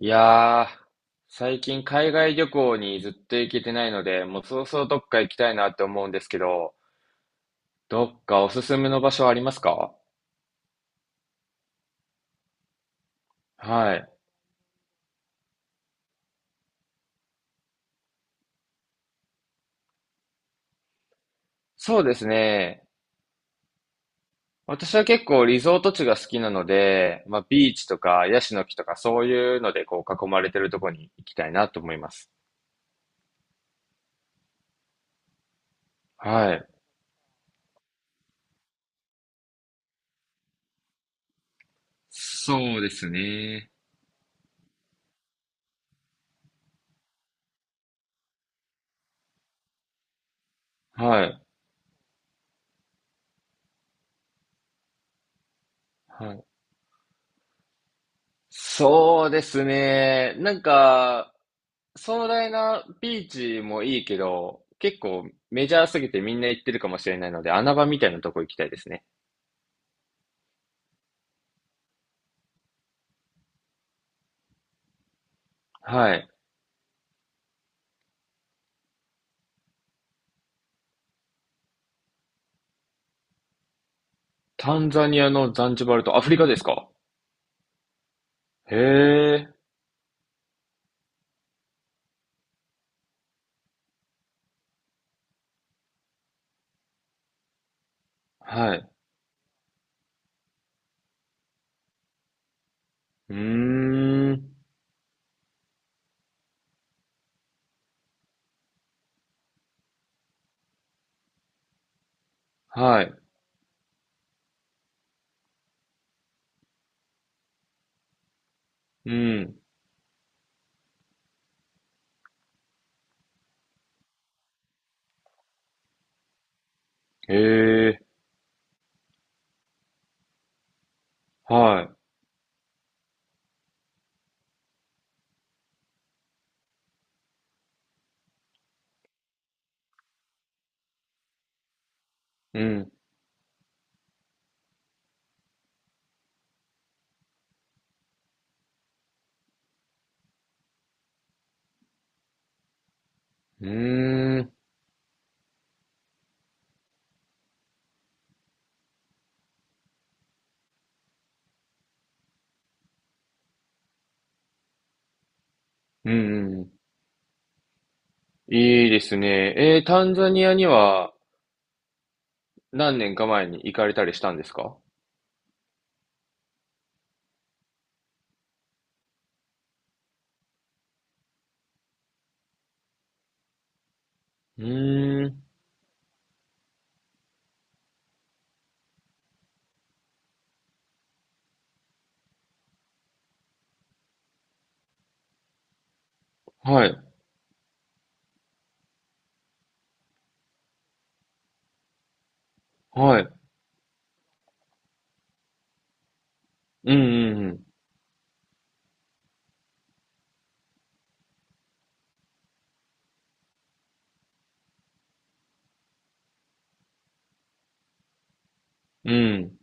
いやー、最近海外旅行にずっと行けてないので、もうそろそろどっか行きたいなって思うんですけど、どっかおすすめの場所ありますか？はい。そうですね。私は結構リゾート地が好きなので、まあビーチとかヤシの木とかそういうのでこう囲まれてるところに行きたいなと思います。はい。そうですね。はい。はい。そうですね。壮大なビーチもいいけど、結構メジャーすぎてみんな行ってるかもしれないので、穴場みたいなとこ行きたいですね。はい。タンザニアのザンジバルとアフリカですか？へえ。はい。うーん。はい。うん。へえ。はい。うん。うーん。うん。うん。いいですね。えー、タンザニアには何年か前に行かれたりしたんですか？うーん。はい。はい。うん。うん。うん。うん。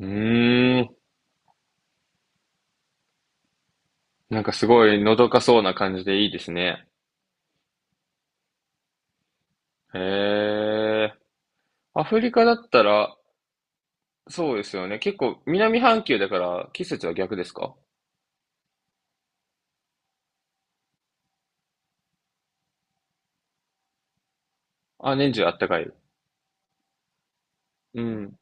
うーん。なんかすごいのどかそうな感じでいいですね。へえ。アフリカだったら、そうですよね。結構南半球だから季節は逆ですか？あ、年中あったかい。うん。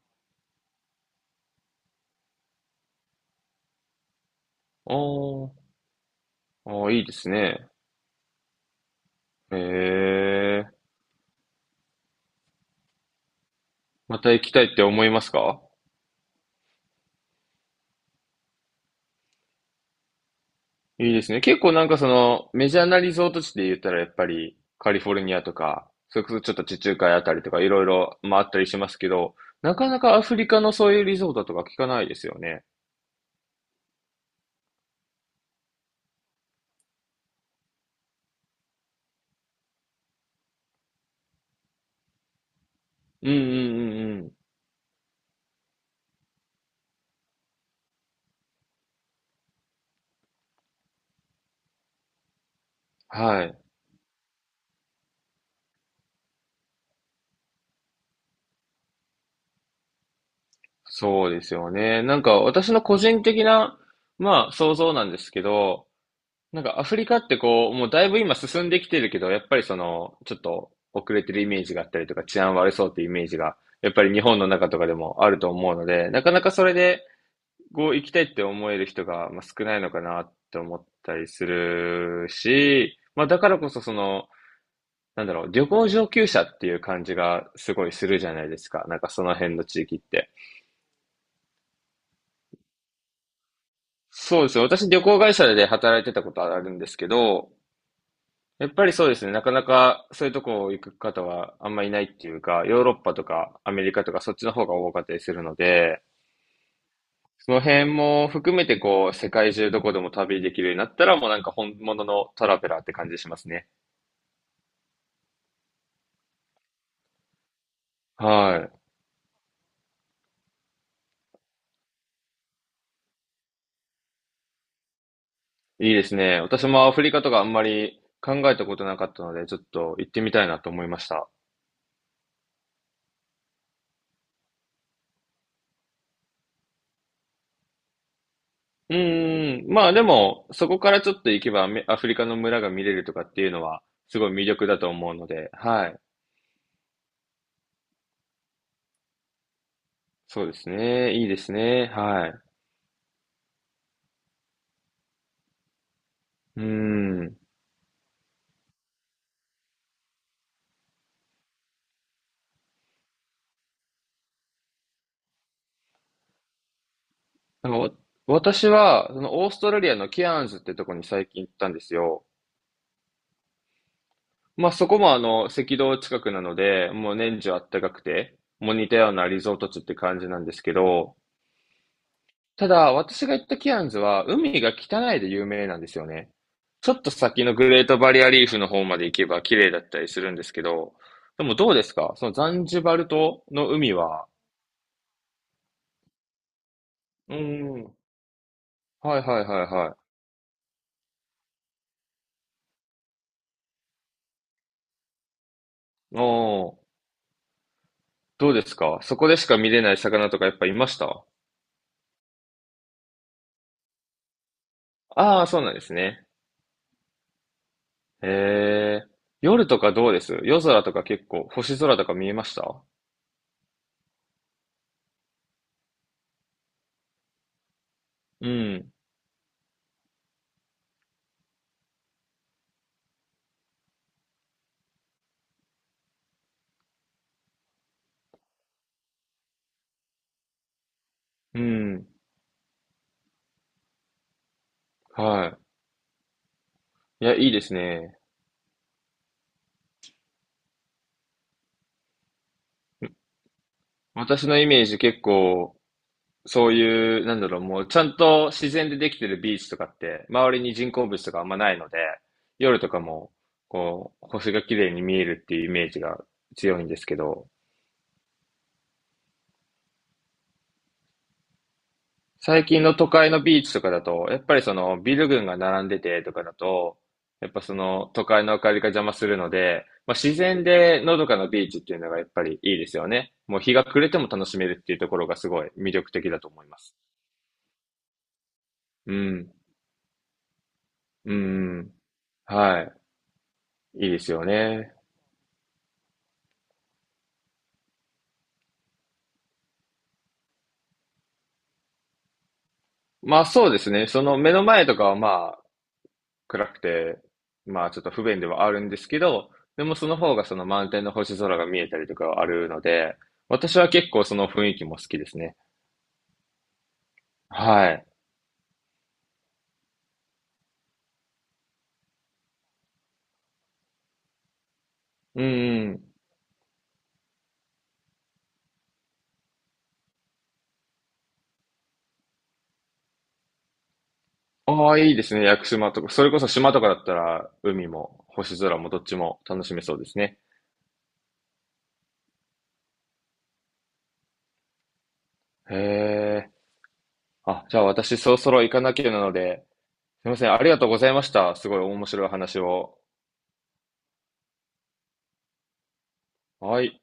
あー、あー、いいですね。へえ。また行きたいって思いますか？いいですね。結構なんかそのメジャーなリゾート地で言ったらやっぱりカリフォルニアとか、それこそちょっと地中海あたりとかいろいろまああったりしますけど、なかなかアフリカのそういうリゾートとか聞かないですよね。うんうんうんうん。はい。そうですよね。なんか私の個人的な、まあ想像なんですけど、なんかアフリカってこう、もうだいぶ今進んできてるけど、やっぱりその、ちょっと遅れてるイメージがあったりとか、治安悪そうっていうイメージが、やっぱり日本の中とかでもあると思うので、なかなかそれで、こう行きたいって思える人が、まあ、少ないのかなって思ったりするし、まあだからこそその、なんだろう、旅行上級者っていう感じがすごいするじゃないですか。なんかその辺の地域って。そうですよ。私旅行会社で働いてたことあるんですけど、やっぱりそうですね。なかなかそういうとこ行く方はあんまいないっていうか、ヨーロッパとかアメリカとかそっちの方が多かったりするので、その辺も含めてこう、世界中どこでも旅できるようになったらもうなんか本物のトラベラーって感じしますね。はい。いいですね。私もアフリカとかあんまり考えたことなかったので、ちょっと行ってみたいなと思いました。うーん、まあでも、そこからちょっと行けばアメアフリカの村が見れるとかっていうのは、すごい魅力だと思うので、はい。そうですね。いいですね。はい。うーん。なんかわ私は、そのオーストラリアのケアンズってとこに最近行ったんですよ。まあそこもあの、赤道近くなので、もう年中あったかくて、もう似たようなリゾート地って感じなんですけど、ただ、私が行ったケアンズは、海が汚いで有名なんですよね。ちょっと先のグレートバリアリーフの方まで行けば綺麗だったりするんですけど、でもどうですかそのザンジバル島の海は。うーん。はいはいはいはい。おー、どうですかそこでしか見れない魚とかやっぱいました？ああー、そうなんですね。へえ。夜とかどうです？夜空とか結構、星空とか見えました？うん。うん。はい。いや、いいですね。私のイメージ結構、そういう、なんだろう、もうちゃんと自然でできてるビーチとかって、周りに人工物とかあんまないので、夜とかも、こう、星が綺麗に見えるっていうイメージが強いんですけど、最近の都会のビーチとかだと、やっぱりそのビル群が並んでてとかだと、やっぱその都会の明かりが邪魔するので、まあ、自然でのどかなビーチっていうのがやっぱりいいですよね。もう日が暮れても楽しめるっていうところがすごい魅力的だと思います。うん、うん、はい。いいですよね。まあそうですね。その目の前とかはまあ暗くて、まあちょっと不便ではあるんですけど、でもその方がその満天の星空が見えたりとかはあるので、私は結構その雰囲気も好きですね。はい。うんうん。ああ、いいですね。屋久島とか。それこそ島とかだったら海も星空もどっちも楽しめそうですね。へえ。あ、じゃあ私そろそろ行かなきゃなので、すいません。ありがとうございました。すごい面白い話を。はい。